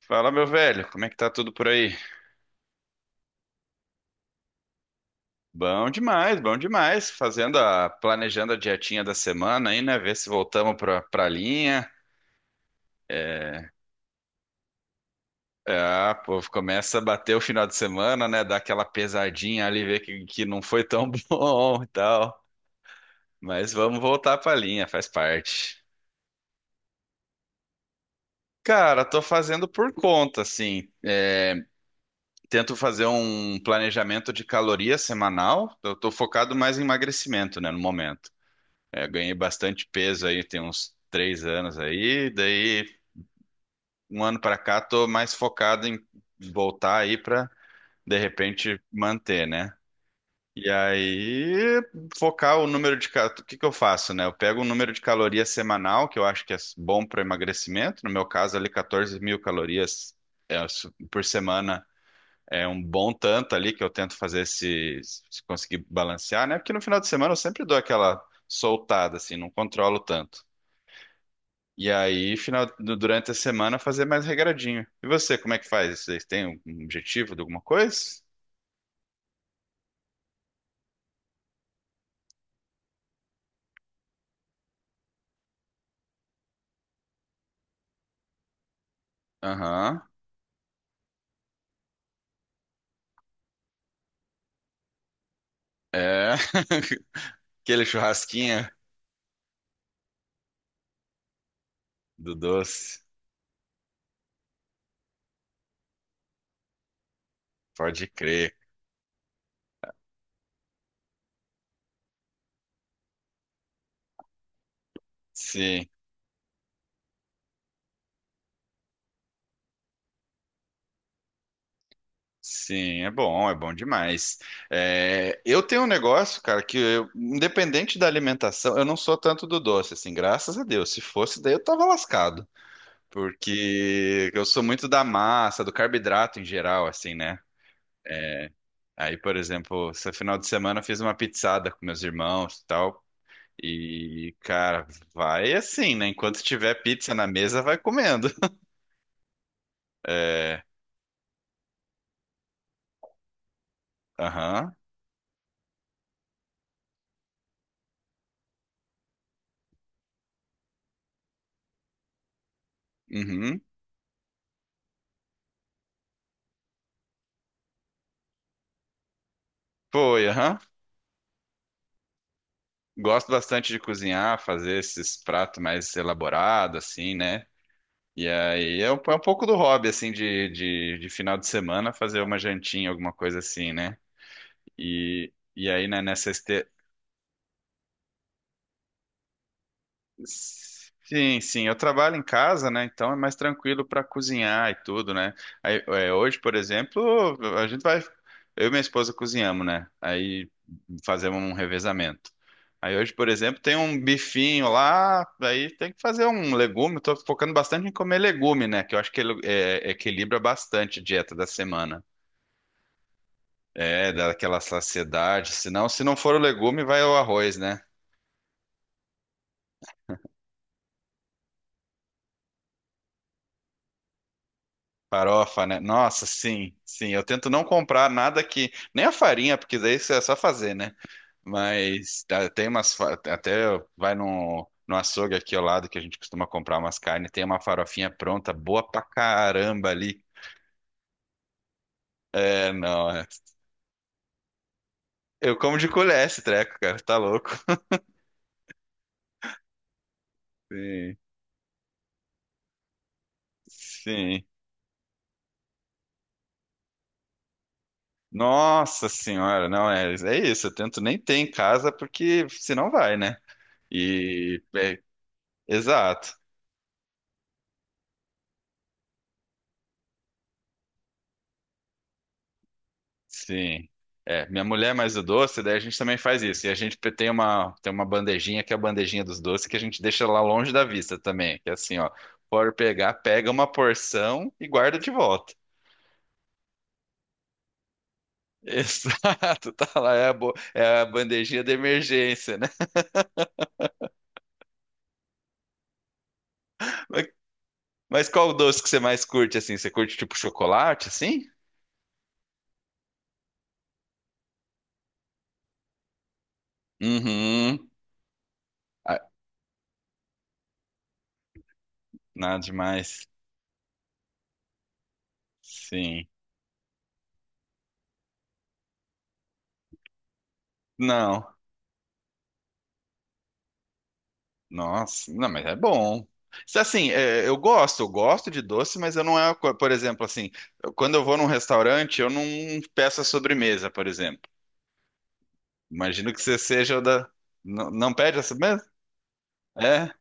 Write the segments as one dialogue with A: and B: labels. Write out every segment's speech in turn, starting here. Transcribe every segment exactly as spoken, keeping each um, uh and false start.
A: Fala, meu velho, como é que tá tudo por aí? Bom demais, bom demais. Fazendo a, planejando a dietinha da semana aí, né? Ver se voltamos pra, pra linha. É, é, ah, pô, começa a bater o final de semana, né? Dar aquela pesadinha ali, ver que, que não foi tão bom e tal. Mas vamos voltar pra linha, faz parte. Cara, tô fazendo por conta, assim. É, tento fazer um planejamento de caloria semanal. Eu tô focado mais em emagrecimento, né, no momento. É, ganhei bastante peso aí, tem uns três anos aí. Daí, um ano pra cá, tô mais focado em voltar aí pra, de repente, manter, né? E aí, focar o número de... ca- O que que eu faço, né? Eu pego o número de calorias semanal, que eu acho que é bom para emagrecimento. No meu caso, ali, quatorze mil calorias é, su- por semana é um bom tanto ali, que eu tento fazer se, se conseguir balancear, né? Porque no final de semana eu sempre dou aquela soltada, assim, não controlo tanto. E aí, final, du- durante a semana, fazer mais regradinho. E você, como é que faz? Vocês têm um objetivo de alguma coisa? Aham. É. Aquele churrasquinho do doce. Pode crer. Sim, sim, é bom, é bom demais. É, eu tenho um negócio, cara, que eu, independente da alimentação, eu não sou tanto do doce, assim, graças a Deus. Se fosse, daí eu tava lascado. Porque eu sou muito da massa, do carboidrato em geral, assim, né? Aí, por exemplo, esse final de semana eu fiz uma pizzada com meus irmãos e tal. E, cara, vai assim, né? Enquanto tiver pizza na mesa, vai comendo. É, aham, uhum, foi, aham. Gosto bastante de cozinhar, fazer esses pratos mais elaborados, assim, né? E aí é um, é um pouco do hobby, assim, de, de, de final de semana, fazer uma jantinha, alguma coisa assim, né? E, e aí, né, nessa este- Sim, sim, eu trabalho em casa, né? Então é mais tranquilo para cozinhar e tudo, né? Aí, é, hoje, por exemplo, a gente vai, eu e minha esposa cozinhamos, né? Aí fazemos um revezamento. Aí hoje, por exemplo, tem um bifinho lá, aí tem que fazer um legume. Estou focando bastante em comer legume, né? Que eu acho que ele é, equilibra bastante a dieta da semana. É, dá aquela saciedade. Senão, se não for o legume, vai o arroz, né? Farofa, né? Nossa, sim, sim. Eu tento não comprar nada que. Nem a farinha, porque daí isso é só fazer, né? Mas tá, tem umas. fa- Até vai no, no, açougue aqui ao lado que a gente costuma comprar umas carnes. Tem uma farofinha pronta, boa pra caramba ali. É, não. é- Eu como de colher esse treco, cara. Tá louco. Sim, sim. Nossa senhora, não é. É isso. Eu tento nem ter em casa, porque senão vai, né? E. é, Exato. Sim. É, minha mulher é mais o doce, daí a gente também faz isso. E a gente pe- tem uma, tem uma, bandejinha que é a bandejinha dos doces que a gente deixa lá longe da vista também. Que é assim, ó, pode pegar, pega uma porção e guarda de volta. Exato, tá lá, é a, bo- é a bandejinha de emergência, né? Mas, mas qual o doce que você mais curte, assim? Você curte tipo chocolate, assim? Uhum. Ah, nada demais. Sim. Não. Nossa, não, mas é bom. Isso, assim, é, eu gosto, eu gosto de doce, mas eu não é, co- por exemplo, assim, eu- quando eu vou num restaurante, eu não peço a sobremesa, por exemplo. Imagino que você seja o da. Não, não pede a sobremesa? É?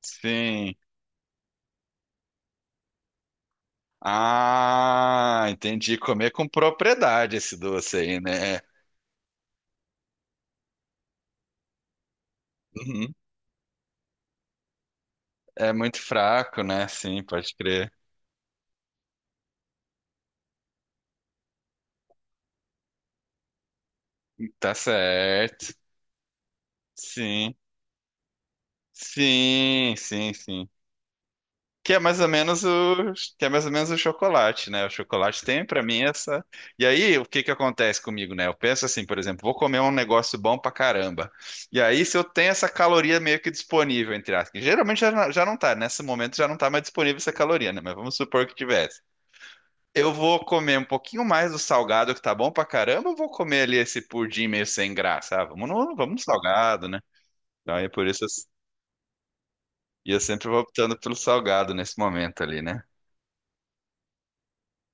A: Sim. Ah, entendi. Comer com propriedade esse doce aí, né? Uhum. É muito fraco, né? Sim, pode crer. Tá certo. Sim, sim, sim, sim. Que é mais ou menos o, que é mais ou menos o chocolate, né? O chocolate tem pra mim essa. E aí, o que que acontece comigo, né? Eu penso assim, por exemplo, vou comer um negócio bom pra caramba. E aí, se eu tenho essa caloria meio que disponível, entre aspas, que geralmente já, já não tá, nesse momento já não tá mais disponível essa caloria, né? Mas vamos supor que tivesse. Eu vou comer um pouquinho mais do salgado que tá bom pra caramba, ou vou comer ali esse pudim meio sem graça? Ah, vamos no, vamos no salgado, né? Então, é por isso eu, eu sempre vou optando pelo salgado nesse momento ali, né?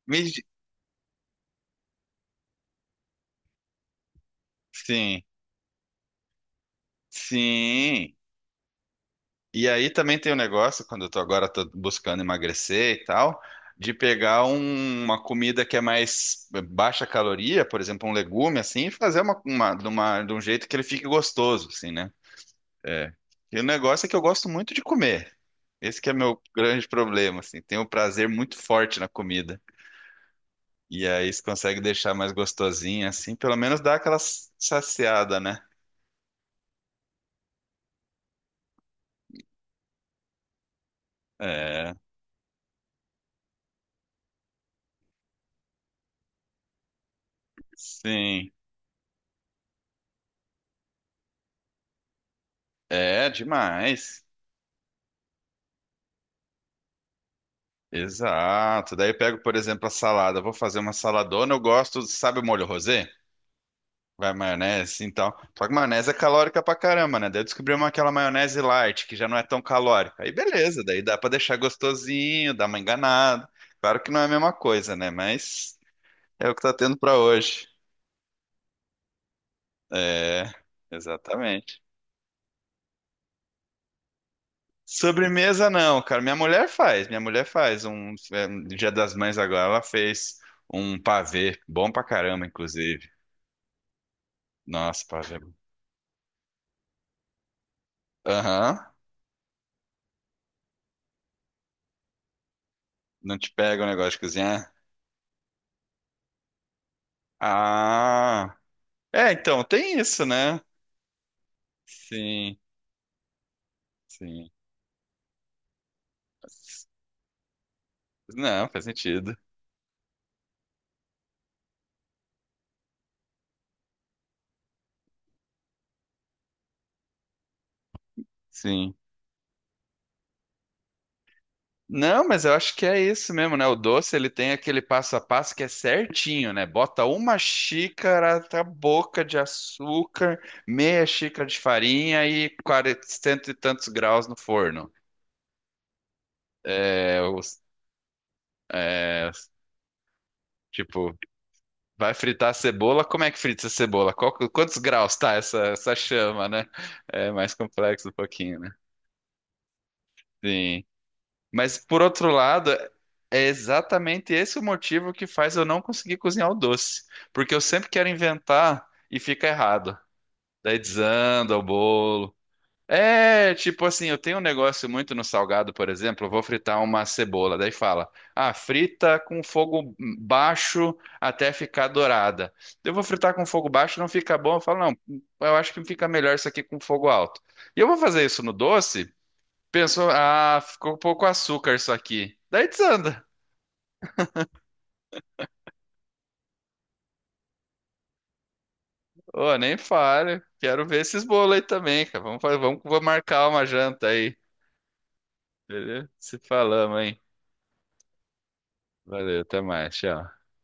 A: Me, di- Sim. Sim. E aí também tem o negócio, quando eu tô agora tô buscando emagrecer e tal, de pegar um- uma comida que é mais baixa caloria, por exemplo, um legume assim, e fazer uma, uma- de uma- de um jeito que ele fique gostoso, assim, né? É. E o negócio é que eu gosto muito de comer. Esse que é meu grande problema, assim. Tenho um prazer muito forte na comida. E aí você consegue deixar mais gostosinha, assim, pelo menos dá aquela saciada, né? É, sim. É, demais. Exato. Daí eu pego, por exemplo, a salada. Eu vou fazer uma saladona. Eu gosto, sabe o molho rosé? Vai maionese. Então, tal. Só que maionese é calórica pra caramba, né? Daí eu descobri uma, aquela maionese light, que já não é tão calórica. Aí beleza, daí dá pra deixar gostosinho, dar uma enganada. Claro que não é a mesma coisa, né? Mas é o que tá tendo pra hoje. É, exatamente. Sobremesa não, cara. Minha mulher faz. Minha mulher faz um, é, um Dia das Mães agora. Ela fez um pavê, bom pra caramba, inclusive. Nossa, pá, velho. Aham. Não te pega o negócio de cozinhar? Ah. É, então, tem isso, né? Sim, sim. Não, faz sentido. Sim. Não, mas eu acho que é isso mesmo, né? O doce, ele tem aquele passo a passo que é certinho, né? Bota uma xícara, tá boca de açúcar, meia xícara de farinha e quarenta, cento e tantos graus no forno. É, os- é, tipo, vai fritar a cebola? Como é que frita a cebola? Qual- quantos graus tá essa, essa chama, né? É mais complexo um pouquinho, né? Sim. Mas por outro lado, é exatamente esse o motivo que faz eu não conseguir cozinhar o doce. Porque eu sempre quero inventar e fica errado. Daí desanda o bolo. É, tipo assim, eu tenho um negócio muito no salgado, por exemplo, eu vou fritar uma cebola, daí fala, ah, frita com fogo baixo até ficar dourada. Eu vou fritar com fogo baixo, não fica bom, eu falo, não, eu acho que fica melhor isso aqui com fogo alto. E eu vou fazer isso no doce, penso, ah, ficou pouco açúcar isso aqui. Daí desanda. Ô, nem fale, quero ver esses bolos aí também, cara. Vamos, fazer, vamos, vamos marcar uma janta aí, beleza? Se falamos, hein? Valeu, até mais, tchau.